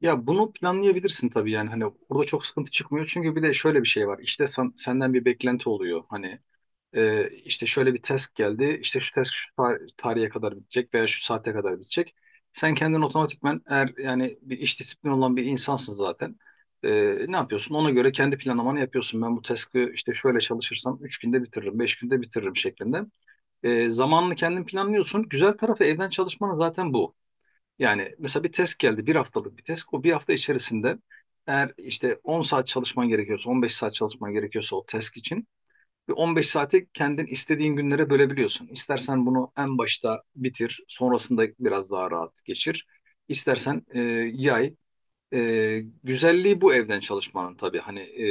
Ya bunu planlayabilirsin tabii, yani hani orada çok sıkıntı çıkmıyor, çünkü bir de şöyle bir şey var. İşte senden bir beklenti oluyor. Hani işte şöyle bir test geldi, işte şu test şu tarihe kadar bitecek veya şu saate kadar bitecek. Sen kendin otomatikmen, eğer yani bir iş disiplini olan bir insansın zaten. E, Ne yapıyorsun, ona göre kendi planlamanı yapıyorsun. Ben bu task'ı işte şöyle çalışırsam 3 günde bitiririm, 5 günde bitiririm şeklinde. Zamanını kendin planlıyorsun. Güzel tarafı evden çalışmanın zaten bu. Yani mesela bir test geldi, bir haftalık bir test. O bir hafta içerisinde eğer işte 10 saat çalışman gerekiyorsa, 15 saat çalışman gerekiyorsa o test için bir 15 saati kendin istediğin günlere bölebiliyorsun. İstersen bunu en başta bitir, sonrasında biraz daha rahat geçir. İstersen yay. Güzelliği bu evden çalışmanın tabii. Hani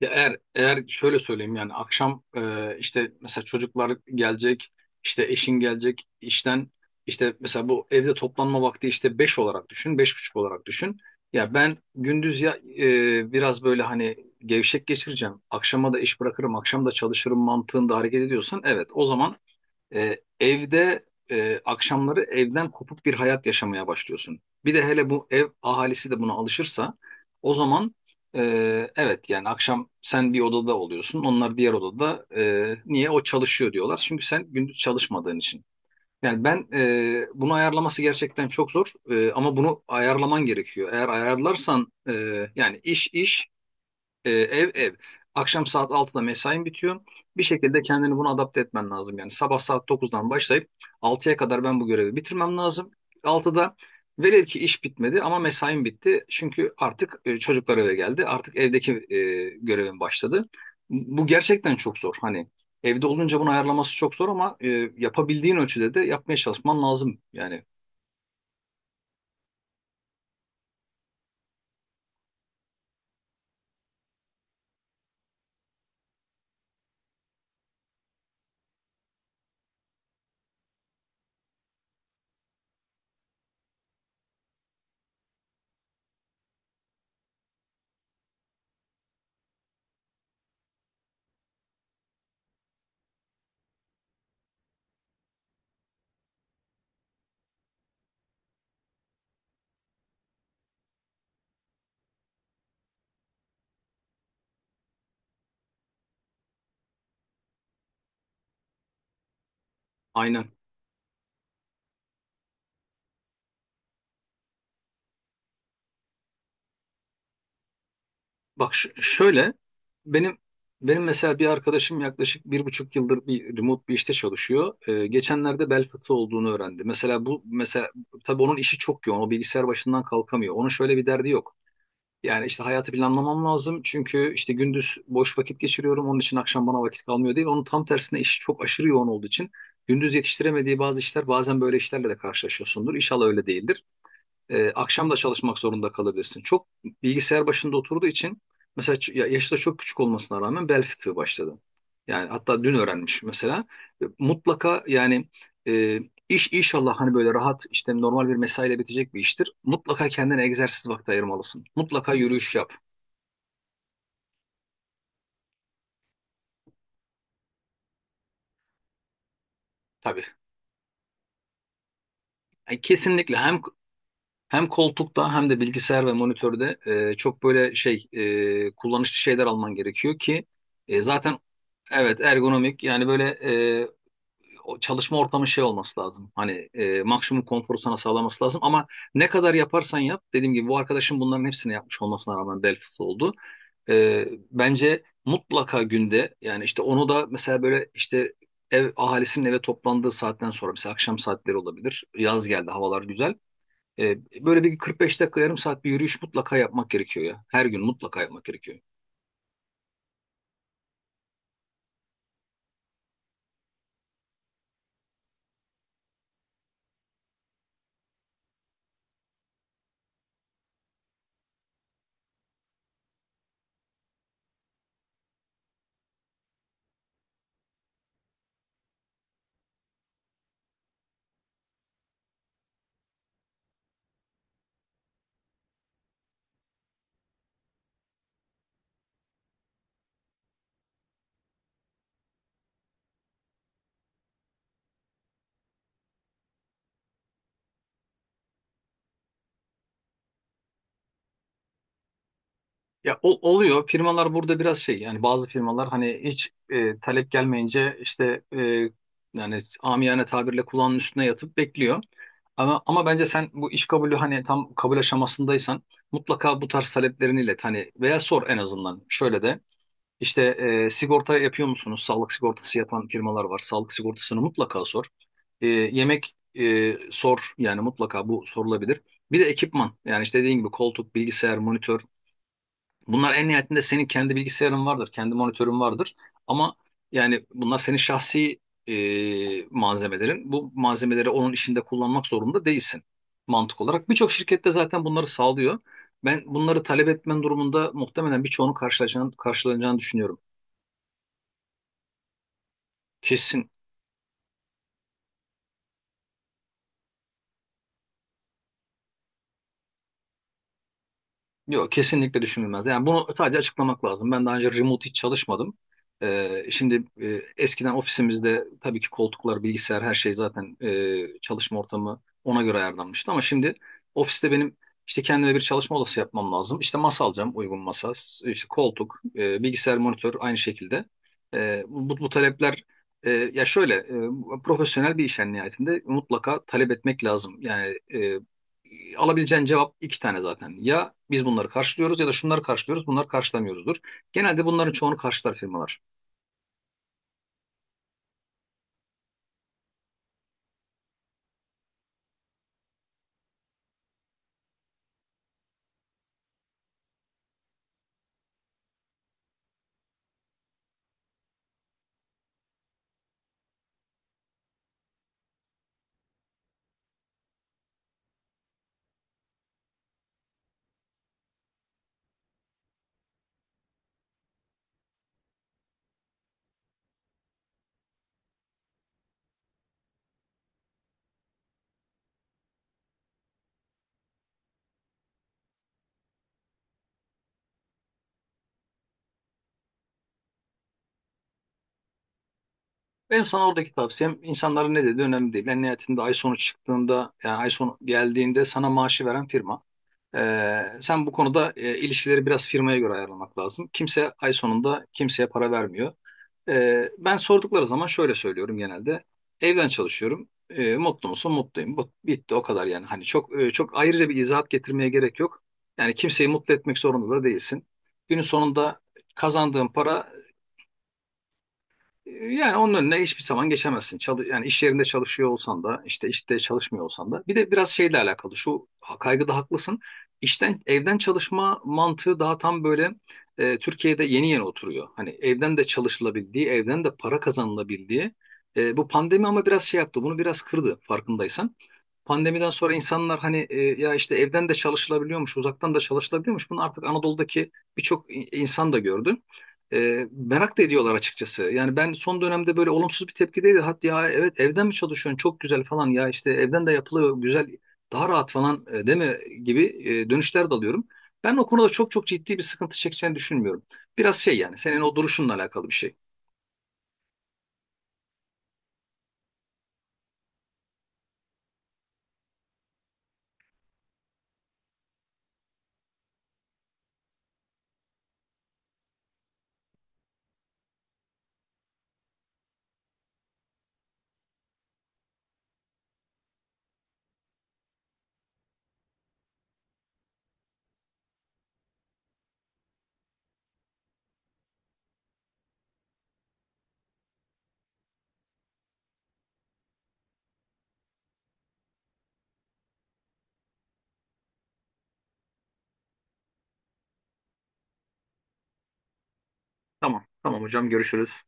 ya eğer şöyle söyleyeyim, yani akşam işte mesela çocuklar gelecek, işte eşin gelecek işten, işte mesela bu evde toplanma vakti işte 5 olarak düşün, 5:30 olarak düşün. Ya ben gündüz ya biraz böyle hani gevşek geçireceğim, akşama da iş bırakırım, akşam da çalışırım mantığında hareket ediyorsan, evet o zaman evde akşamları evden kopuk bir hayat yaşamaya başlıyorsun. Bir de hele bu ev ahalisi de buna alışırsa, o zaman e, evet yani akşam sen bir odada oluyorsun, onlar diğer odada, niye o çalışıyor diyorlar. Çünkü sen gündüz çalışmadığın için. Yani ben bunu ayarlaması gerçekten çok zor. Ama bunu ayarlaman gerekiyor. Eğer ayarlarsan yani iş iş, ev ev. Akşam saat altıda mesain bitiyor. Bir şekilde kendini buna adapte etmen lazım. Yani sabah saat dokuzdan başlayıp altıya kadar ben bu görevi bitirmem lazım. Altıda velev ki iş bitmedi ama mesain bitti. Çünkü artık çocuklar eve geldi. Artık evdeki görevim başladı. Bu gerçekten çok zor. Hani evde olunca bunu ayarlaması çok zor ama yapabildiğin ölçüde de yapmaya çalışman lazım. Yani aynen. Bak şöyle, benim benim mesela bir arkadaşım yaklaşık 1,5 yıldır bir remote bir işte çalışıyor. Geçenlerde bel fıtığı olduğunu öğrendi. Mesela bu mesela tabii onun işi çok yoğun. O bilgisayar başından kalkamıyor. Onun şöyle bir derdi yok. Yani işte hayatı planlamam lazım, çünkü işte gündüz boş vakit geçiriyorum, onun için akşam bana vakit kalmıyor değil. Onun tam tersine işi çok aşırı yoğun olduğu için gündüz yetiştiremediği bazı işler, bazen böyle işlerle de karşılaşıyorsundur. İnşallah öyle değildir. Akşam da çalışmak zorunda kalabilirsin. Çok bilgisayar başında oturduğu için mesela yaşı da çok küçük olmasına rağmen bel fıtığı başladı. Yani hatta dün öğrenmiş mesela. Mutlaka yani, e, iş inşallah hani böyle rahat, işte normal bir mesaiyle bitecek bir iştir. Mutlaka kendine egzersiz vakti ayırmalısın. Mutlaka yürüyüş yap. Tabii. Yani kesinlikle hem koltukta hem de bilgisayar ve monitörde çok böyle şey, kullanışlı şeyler alman gerekiyor ki. Zaten, evet, ergonomik. Yani böyle o çalışma ortamı şey olması lazım. Hani maksimum konforu sana sağlaması lazım, ama ne kadar yaparsan yap, dediğim gibi bu arkadaşım bunların hepsini yapmış olmasına rağmen bel fıtığı oldu. Bence mutlaka günde, yani işte onu da mesela böyle işte ev ahalisinin eve toplandığı saatten sonra, mesela akşam saatleri olabilir. Yaz geldi, havalar güzel. E, Böyle bir 45 dakika yarım saat bir yürüyüş mutlaka yapmak gerekiyor ya. Her gün mutlaka yapmak gerekiyor. Ya oluyor. Firmalar burada biraz şey, yani bazı firmalar hani hiç talep gelmeyince işte, yani amiyane tabirle kulağının üstüne yatıp bekliyor. Ama bence sen bu iş kabulü, hani tam kabul aşamasındaysan, mutlaka bu tarz taleplerini ilet, hani veya sor en azından. Şöyle de işte sigorta yapıyor musunuz? Sağlık sigortası yapan firmalar var. Sağlık sigortasını mutlaka sor. Yemek sor yani, mutlaka bu sorulabilir. Bir de ekipman, yani işte dediğin gibi koltuk, bilgisayar, monitör. Bunlar en nihayetinde senin kendi bilgisayarın vardır, kendi monitörün vardır. Ama yani bunlar senin şahsi malzemelerin. Bu malzemeleri onun işinde kullanmak zorunda değilsin, mantık olarak. Birçok şirkette zaten bunları sağlıyor. Ben bunları talep etmen durumunda muhtemelen birçoğunu karşılaşacağını, karşılanacağını düşünüyorum. Kesin. Yok, kesinlikle düşünülmez. Yani bunu sadece açıklamak lazım. Ben daha önce remote hiç çalışmadım. Şimdi eskiden ofisimizde tabii ki koltuklar, bilgisayar, her şey zaten çalışma ortamı ona göre ayarlanmıştı. Ama şimdi ofiste benim işte kendime bir çalışma odası yapmam lazım. İşte masa alacağım, uygun masa, işte koltuk, bilgisayar, monitör aynı şekilde. Bu talepler, ya şöyle profesyonel bir iş, en nihayetinde mutlaka talep etmek lazım. Yani alabileceğin cevap iki tane zaten. Ya biz bunları karşılıyoruz, ya da şunları karşılıyoruz, bunları karşılamıyoruzdur. Genelde bunların çoğunu karşılar firmalar. Benim sana oradaki tavsiyem, insanların ne dediği önemli değil. En nihayetinde ay sonu çıktığında, yani ay sonu geldiğinde, sana maaşı veren firma. Sen bu konuda ilişkileri biraz firmaya göre ayarlamak lazım. Kimse ay sonunda kimseye para vermiyor. Ben sordukları zaman şöyle söylüyorum genelde. Evden çalışıyorum. Mutlu musun? Mutluyum. Bu, bitti o kadar yani. Hani çok çok ayrıca bir izahat getirmeye gerek yok. Yani kimseyi mutlu etmek zorunda da değilsin. Günün sonunda kazandığın para, yani onun önüne hiçbir zaman geçemezsin. Yani iş yerinde çalışıyor olsan da, işte çalışmıyor olsan da. Bir de biraz şeyle alakalı. Şu kaygıda haklısın. İşten evden çalışma mantığı daha tam böyle Türkiye'de yeni yeni oturuyor. Hani evden de çalışılabildiği, evden de para kazanılabildiği. Bu pandemi ama biraz şey yaptı. Bunu biraz kırdı farkındaysan. Pandemiden sonra insanlar hani ya işte evden de çalışılabiliyormuş, uzaktan da çalışılabiliyormuş. Bunu artık Anadolu'daki birçok insan da gördü. Merak da ediyorlar açıkçası. Yani ben son dönemde böyle olumsuz bir tepkideydi. Hatta ya evet, evden mi çalışıyorsun çok güzel falan, ya işte evden de yapılıyor güzel daha rahat falan, değil mi gibi dönüşler de alıyorum. Ben o konuda çok çok ciddi bir sıkıntı çekeceğini düşünmüyorum. Biraz şey, yani senin o duruşunla alakalı bir şey. Tamam tamam hocam, görüşürüz.